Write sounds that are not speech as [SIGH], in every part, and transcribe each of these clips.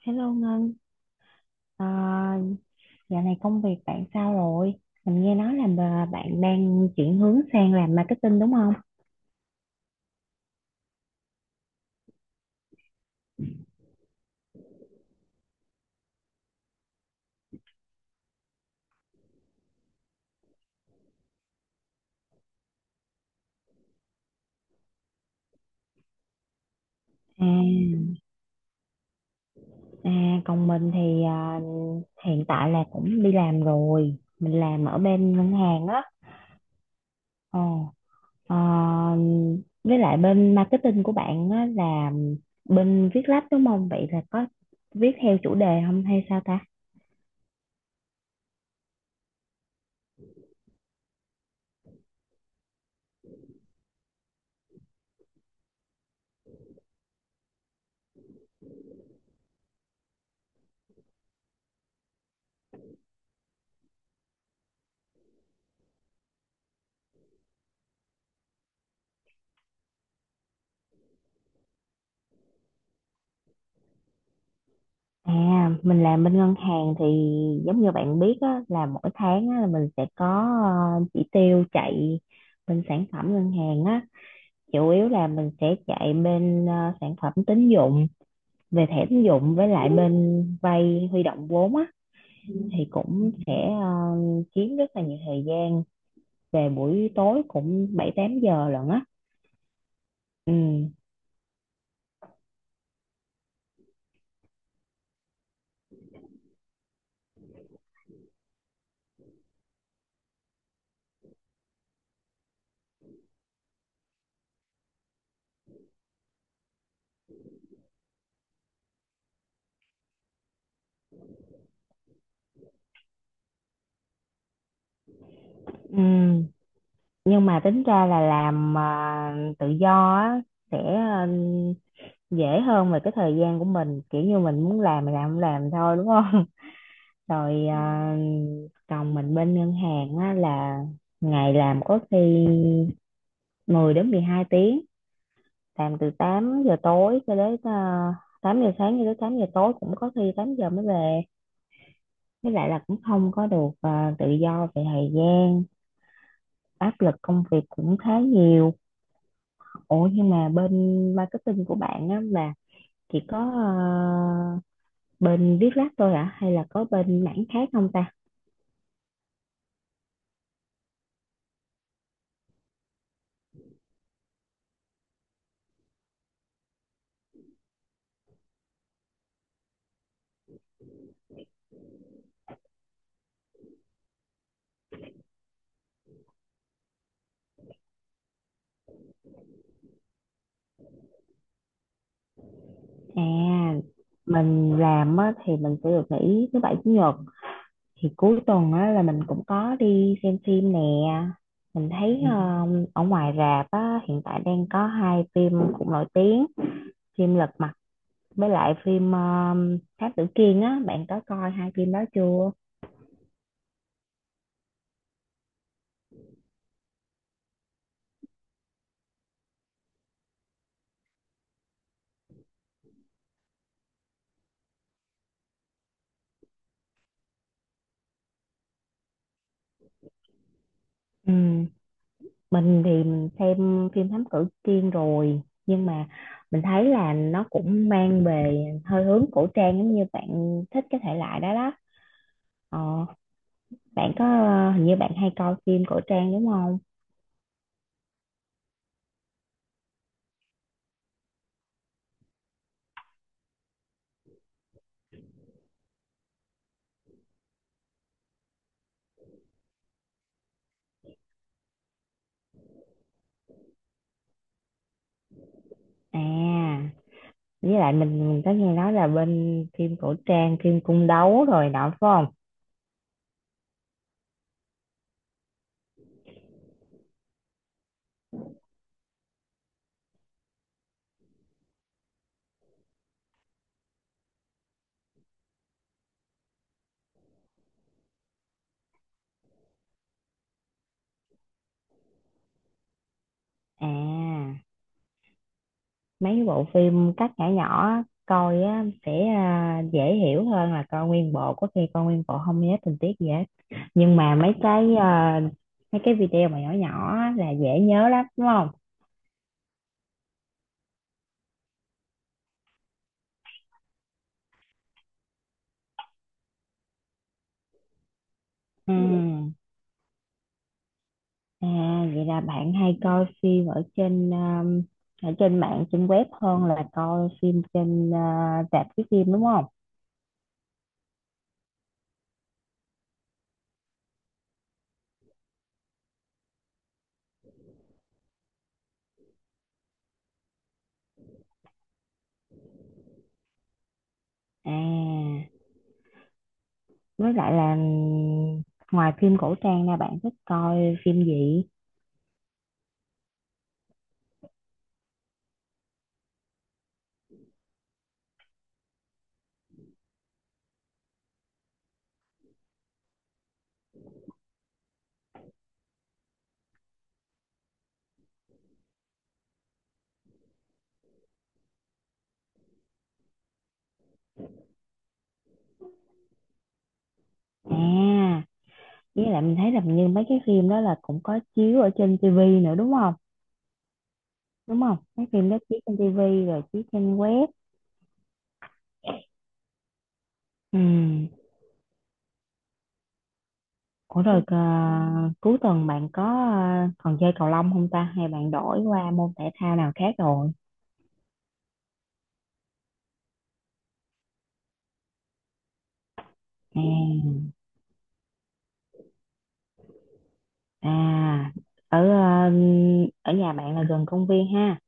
Hello Ngân, à, dạo này công việc bạn sao rồi? Mình nghe nói là bạn đang chuyển hướng sang làm marketing đúng không? À, à, còn mình thì à, hiện tại là cũng đi làm rồi, mình làm ở bên ngân hàng á. Ờ, à, với lại bên marketing của bạn á là bên viết lách đúng không? Vậy là có viết theo chủ đề không hay sao ta? À, mình làm bên ngân hàng thì giống như bạn biết á, là mỗi tháng á, là mình sẽ có chỉ tiêu chạy bên sản phẩm ngân hàng á. Chủ yếu là mình sẽ chạy bên sản phẩm tín dụng, về thẻ tín dụng với lại bên vay huy động vốn á. Thì cũng sẽ chiếm rất là nhiều thời gian, về buổi tối cũng bảy tám giờ lận á. Ừ. Ừ. Nhưng mà tính ra là làm tự do á, sẽ dễ hơn về cái thời gian của mình kiểu như mình muốn làm mình làm không làm thôi đúng không. [LAUGHS] Rồi Ừ. À, còn mình bên ngân hàng á, là ngày làm có khi 10 đến 12 tiếng, làm từ 8 giờ tối cho đến à, 8 giờ sáng cho đến 8 giờ tối, cũng có khi 8 giờ mới về, với lại là cũng không có được à, tự do về thời gian, áp lực công việc cũng khá nhiều. Ủa nhưng mà bên marketing của bạn á, là chỉ có bên viết lách thôi ạ hay là có bên mảng khác không ta? À, mình làm á, thì mình sẽ được nghỉ thứ bảy chủ nhật, thì cuối tuần á, là mình cũng có đi xem phim nè. Mình thấy Ừ. Ở ngoài rạp á, hiện tại đang có hai phim cũng nổi tiếng, phim Lật Mặt với lại phim Thám Tử Kiên á, bạn có coi hai phim đó chưa? Ừ. Mình thì mình xem phim Thám Tử Kiên rồi nhưng mà mình thấy là nó cũng mang về hơi hướng cổ trang, giống như bạn thích cái thể loại đó đó. Ờ, bạn có hình như bạn hay coi phim cổ trang đúng không? À, với lại mình có nghe nói là bên phim cổ trang, phim cung đấu rồi đó phải không? À, mấy cái bộ phim cắt nhỏ nhỏ coi á, sẽ à, dễ hiểu hơn là coi nguyên bộ, có khi coi nguyên bộ không nhớ tình tiết gì hết, nhưng mà mấy cái video mà nhỏ nhỏ á là dễ nhớ lắm đúng không? Ừ. Ừ. À, vậy là bạn hay coi phim ở trên mạng, trên web hơn là coi phim trên à, rạp chiếu phim đúng không? À, với lại là ừ, ngoài phim cổ trang ra bạn thích coi phim gì? À, với lại mình thấy là như mấy cái phim đó là cũng có chiếu ở trên tivi nữa Đúng không, mấy phim đó chiếu trên tivi rồi chiếu trên web. Ừ. Ủa Ừ. Rồi à, cuối tuần bạn có à, còn chơi cầu lông không ta, hay bạn đổi qua môn thể thao nào khác rồi? À, à ở à, ở nhà bạn là gần công viên ha?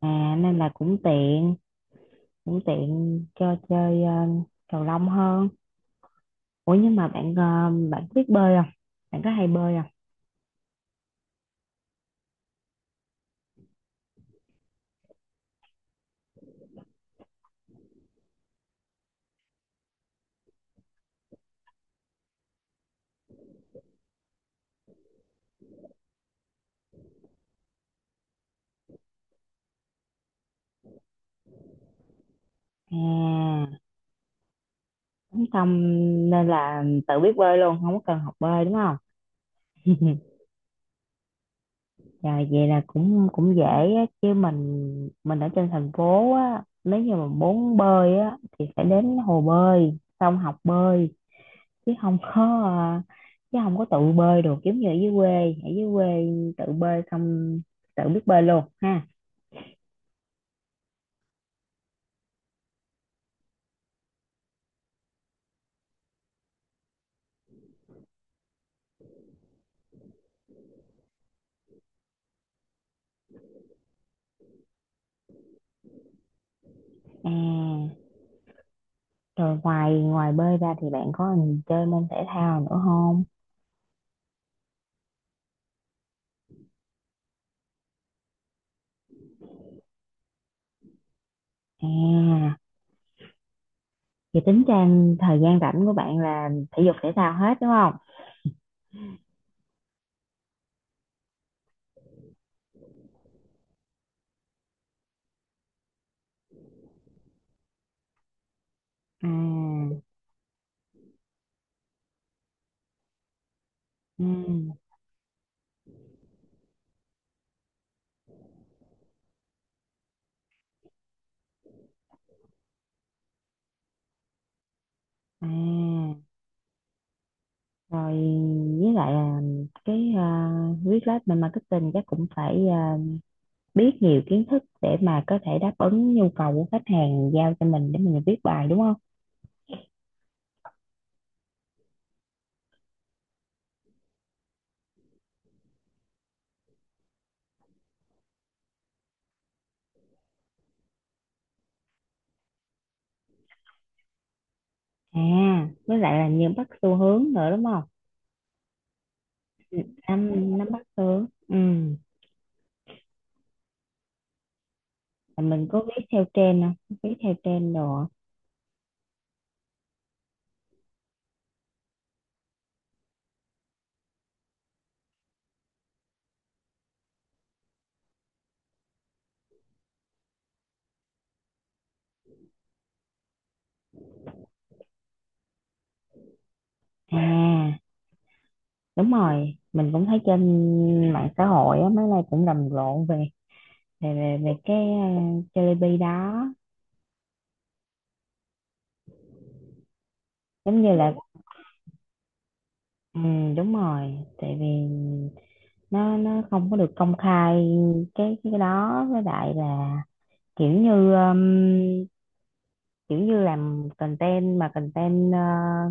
À, nên là cũng tiện cho chơi à, cầu lông hơn. Ủa nhưng mà bạn biết bơi không, bạn có hay bơi không? À. Xong nên là tự biết bơi luôn, không có cần học bơi đúng không? [LAUGHS] Rồi vậy là cũng cũng dễ á, chứ mình ở trên thành phố á, nếu như mà muốn bơi á thì phải đến hồ bơi, xong học bơi, chứ không có à, chứ không có tự bơi được giống như ở dưới quê, tự bơi xong tự biết bơi luôn ha. À, rồi ngoài ngoài bơi ra thì bạn có chơi môn thể thao nữa không? À. Vậy tính ra thời gian rảnh của bạn là thể dục thể thao hết đúng không? À, ừ, à, rồi với lại là cái viết lách, mình marketing chắc cũng phải biết nhiều kiến thức để mà có thể đáp ứng nhu cầu của khách hàng giao cho mình để mình viết bài đúng không? À, với lại là nhiều bắt xu hướng nữa đúng không? Nắm nắm bắt xu hướng. Ừ, là mình có viết theo trend không? Viết theo trend đồ. À, đúng rồi, mình cũng thấy trên mạng xã hội á mấy nay cũng rầm rộ về cái Jollibee đó. Giống như là ừ, đúng rồi, tại vì nó không có được công khai cái đó, với lại là kiểu như um, kiểu như làm content mà content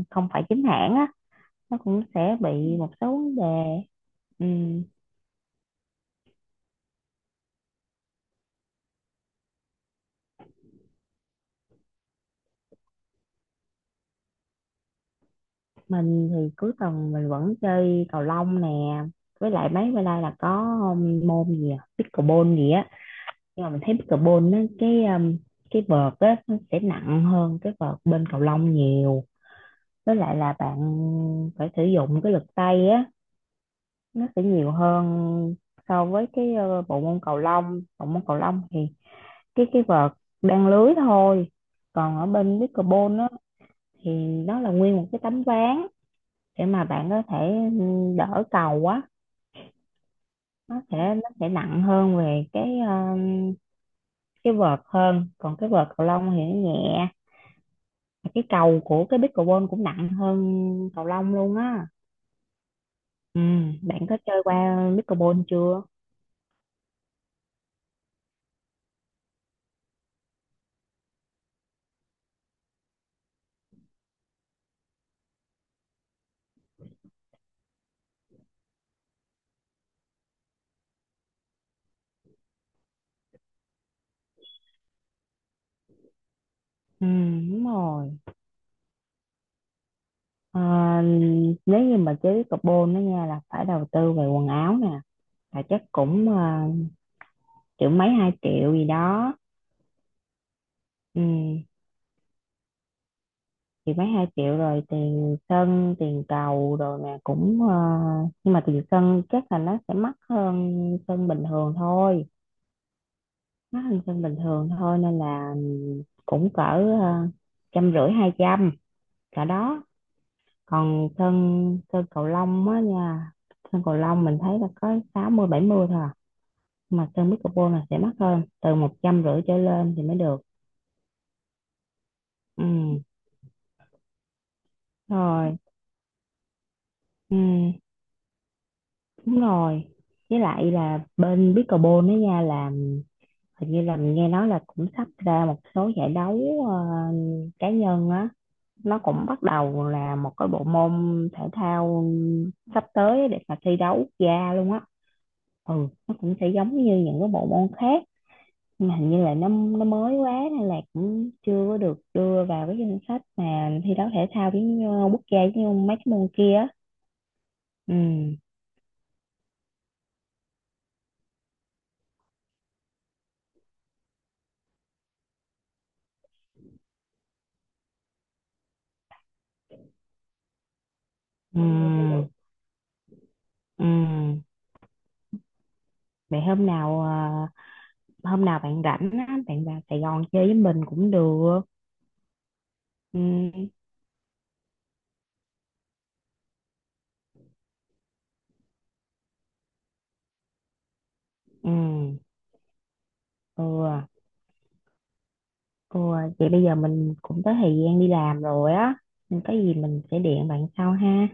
không phải chính hãng á, nó cũng sẽ bị một số vấn đề. Ừ. Mình thì cuối tuần mình vẫn chơi cầu lông nè, với lại mấy bữa nay là có môn gì à? Pickleball gì á. Nhưng mà mình thấy pickleball nó cái vợt á, nó sẽ nặng hơn cái vợt bên cầu lông nhiều, với lại là bạn phải sử dụng cái lực tay á, nó sẽ nhiều hơn so với cái bộ môn cầu lông. Bộ môn cầu lông thì cái vợt đang lưới thôi, còn ở bên pickleball á thì nó là nguyên một cái tấm ván để mà bạn có thể ừ, đỡ cầu quá. Nó sẽ nặng hơn về cái vợt hơn, còn cái vợt cầu lông thì nó nhẹ. Và cái cầu của cái pickleball cũng nặng hơn cầu lông luôn á. Ừ, bạn có chơi qua pickleball chưa? Ừ, đúng rồi. Ờ, Nếu như mà chơi pickleball đó nha là phải đầu tư về quần áo nè, là chắc cũng triệu mấy, 2 triệu gì đó. Ừ. Thì mấy 2 triệu, rồi tiền sân tiền cầu rồi nè, cũng nhưng mà tiền sân chắc là nó sẽ mắc hơn sân bình thường thôi mắc hơn sân bình thường thôi, nên là cũng cỡ ờ, 150, 200 cả đó. Còn sân sân cầu lông á nha, sân cầu lông mình thấy là có 60, 70 thôi à. Nhưng mà sân pickleball là sẽ mắc hơn, từ 150 trở lên thì mới được. Ừ. Rồi. Ừ. Đúng rồi. Với lại là bên pickleball đó nha, là hình như là mình nghe nói là cũng sắp ra một số giải đấu ờ, cá nhân á, nó cũng bắt đầu là một cái bộ môn thể thao sắp tới để mà thi đấu quốc gia luôn á. Ừ, nó cũng sẽ giống như những cái bộ môn khác. Nhưng mà hình như là nó mới quá nên là cũng chưa có được đưa vào cái danh sách mà thi đấu thể thao với nhau- quốc gia như mấy cái môn kia á. Ừ. Ừ. Ừ. Vậy hôm nào bạn rảnh á, bạn vào Sài Gòn chơi với mình cũng được. Ừ. Ừ. Ừ, ừ. Vậy bây giờ mình cũng tới thời gian đi làm rồi á, nên có gì mình sẽ điện bạn sau ha.